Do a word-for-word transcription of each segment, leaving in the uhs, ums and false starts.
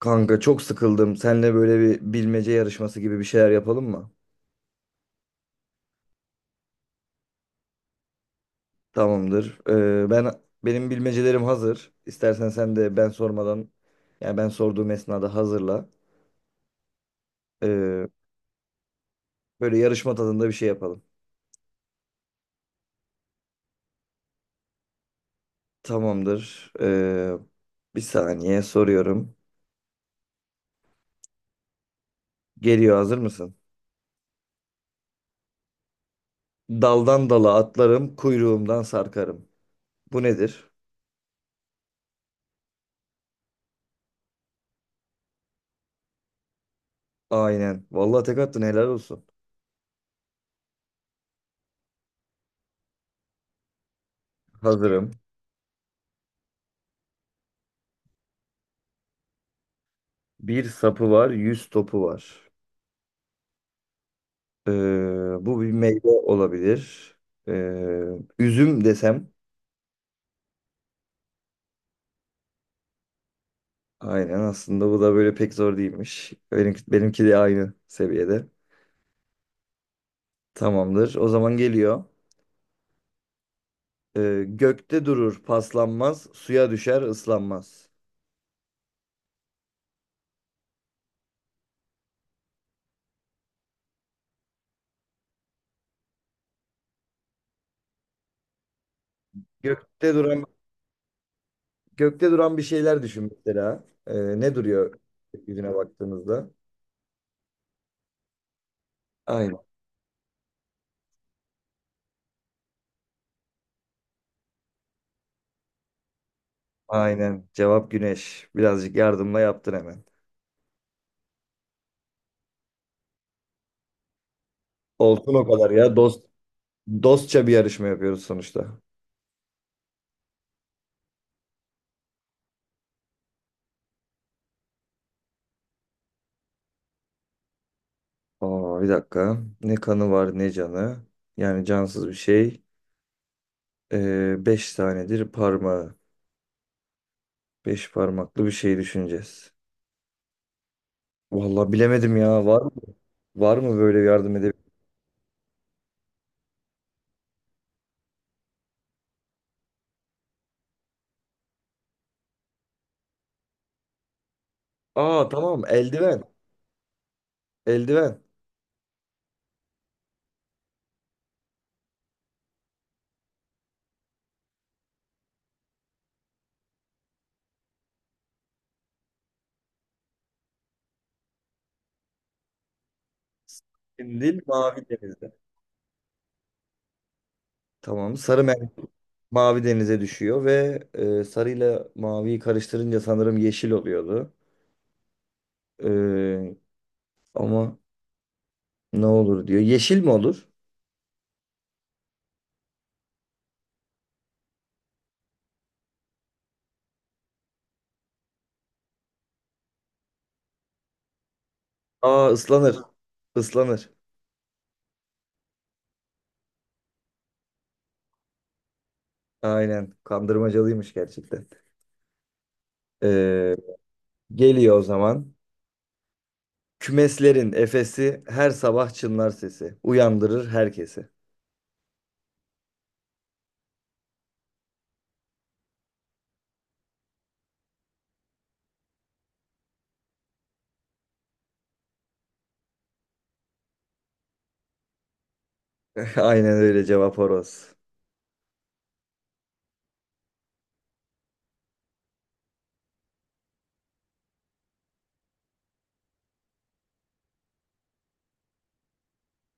Kanka çok sıkıldım. Seninle böyle bir bilmece yarışması gibi bir şeyler yapalım mı? Tamamdır. Ee, ben benim bilmecelerim hazır. İstersen sen de ben sormadan yani ben sorduğum esnada hazırla. Ee, böyle yarışma tadında bir şey yapalım. Tamamdır. Ee, bir saniye soruyorum. Geliyor, hazır mısın? Daldan dala atlarım, kuyruğumdan sarkarım. Bu nedir? Aynen. Vallahi tek attın, helal olsun. Hazırım. Bir sapı var, yüz topu var. Ee, bu bir meyve olabilir. Ee, üzüm desem. Aynen, aslında bu da böyle pek zor değilmiş. Benimki, benimki de aynı seviyede. Tamamdır. O zaman geliyor. Ee, gökte durur, paslanmaz, suya düşer, ıslanmaz. Gökte duran gökte duran bir şeyler düşün mesela. Ee, ne duruyor yüzüne baktığınızda? Aynen. Aynen. Cevap güneş. Birazcık yardımla yaptın hemen. Olsun o kadar ya. Dost dostça bir yarışma yapıyoruz sonuçta. Aa, bir dakika. Ne kanı var ne canı. Yani cansız bir şey. Ee, beş tanedir parmağı. Beş parmaklı bir şey düşüneceğiz. Vallahi bilemedim ya. Var mı? Var mı böyle yardım edebilir? Aa, tamam. Eldiven. Eldiven. Sendil mavi denizde. Tamam. Sarı mer- mavi denize düşüyor ve e, sarıyla maviyi karıştırınca sanırım yeşil oluyordu. Ee, ama ne olur diyor. Yeşil mi olur? Aa, ıslanır. Islanır. Aynen. Kandırmacalıymış gerçekten. Ee, geliyor o zaman. Kümeslerin efesi, her sabah çınlar sesi, uyandırır herkesi. Aynen, öyle, cevap horoz.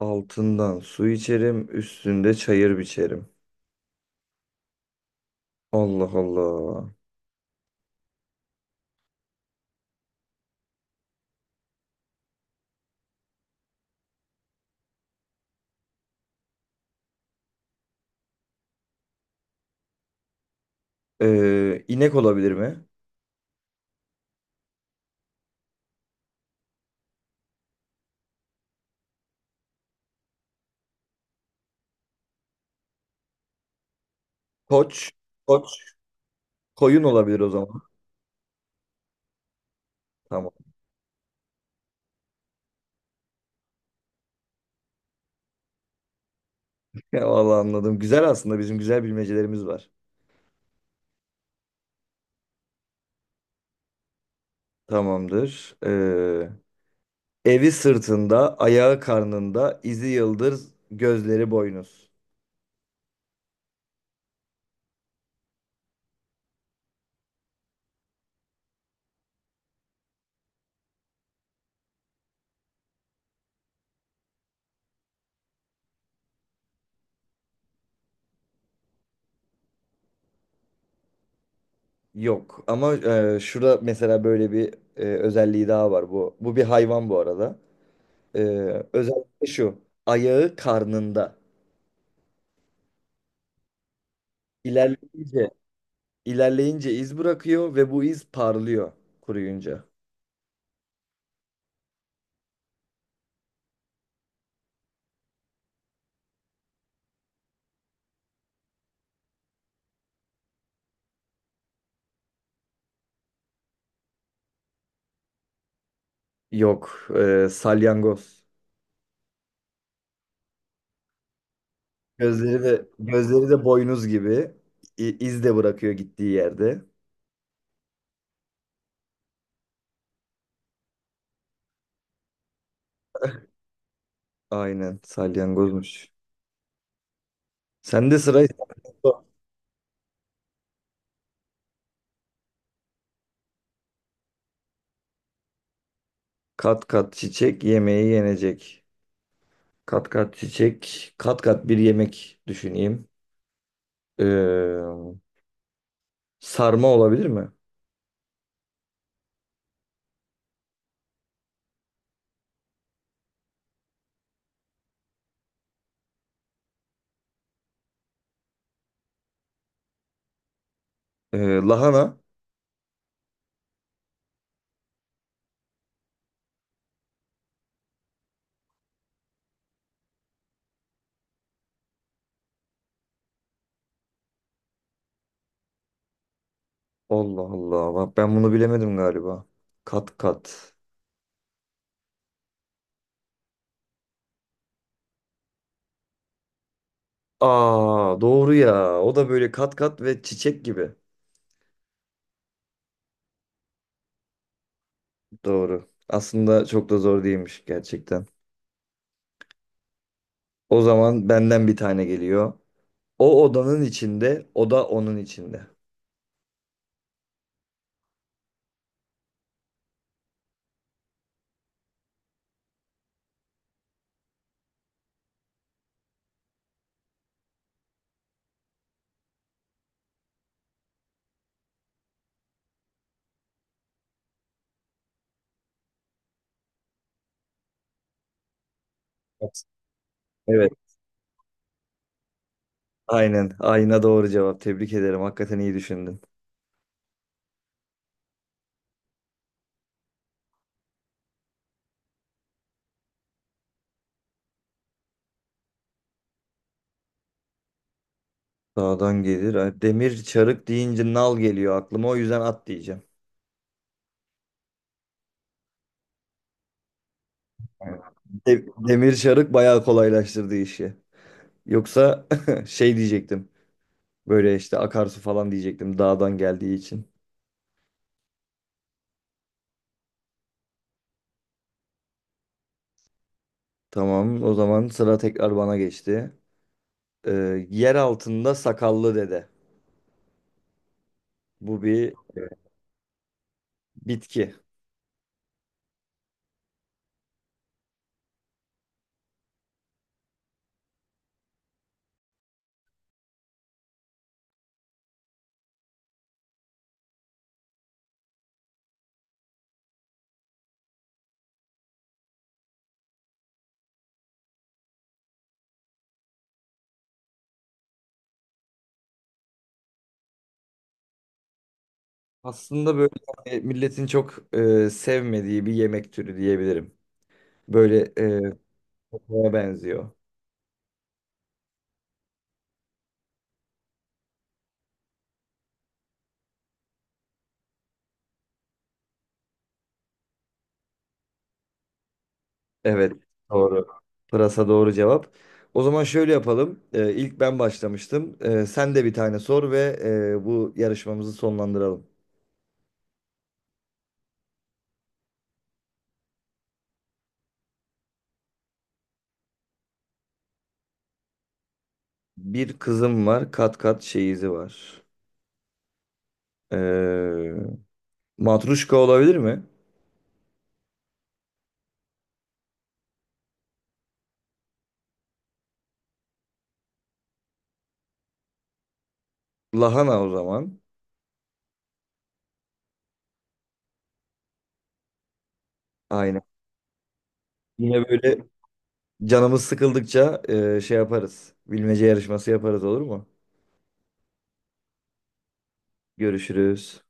Altından su içerim, üstünde çayır biçerim. Allah Allah. Ee, inek olabilir mi? Koç. Koç. Koyun olabilir o zaman. Tamam. Ya vallahi anladım. Güzel aslında. Bizim güzel bilmecelerimiz var. Tamamdır. Ee, Evi sırtında, ayağı karnında, izi yıldız, gözleri boynuz. Yok ama e, şurada mesela böyle bir e, özelliği daha var bu. Bu bir hayvan bu arada. E, özellikle şu, ayağı karnında. İlerleyince, ilerleyince iz bırakıyor ve bu iz parlıyor kuruyunca. Yok, e, salyangoz. Gözleri de gözleri de boynuz gibi. İ- iz de bırakıyor gittiği yerde. Aynen, salyangozmuş. Sende sıra. Kat kat çiçek, yemeği yenecek. Kat kat çiçek, kat kat bir yemek düşüneyim. Ee, sarma olabilir mi? Ee, lahana. Allah Allah. Bak, ben bunu bilemedim galiba. Kat kat. Aa, doğru ya. O da böyle kat kat ve çiçek gibi. Doğru. Aslında çok da zor değilmiş gerçekten. O zaman benden bir tane geliyor. O odanın içinde, o da onun içinde. Evet. Evet. Aynen. Ayna doğru cevap. Tebrik ederim. Hakikaten iyi düşündün. Dağdan gelir. Ay, demir çarık deyince nal geliyor aklıma. O yüzden at diyeceğim. De- demir çarık bayağı kolaylaştırdı işi. Yoksa şey diyecektim. Böyle işte akarsu falan diyecektim dağdan geldiği için. Tamam, o zaman sıra tekrar bana geçti. Ee, yer altında sakallı dede. Bu bir bitki. Aslında böyle hani milletin çok e, sevmediği bir yemek türü diyebilirim. Böyle e, kokmaya benziyor. Evet, doğru. Pırasa doğru cevap. O zaman şöyle yapalım. Ee, ilk ben başlamıştım. Ee, sen de bir tane sor ve e, bu yarışmamızı sonlandıralım. Bir kızım var, kat kat çeyizi var. Ee, matruşka olabilir mi? Lahana o zaman. Aynen. Yine böyle canımız sıkıldıkça e, şey yaparız. Bilmece yarışması yaparız, olur mu? Görüşürüz.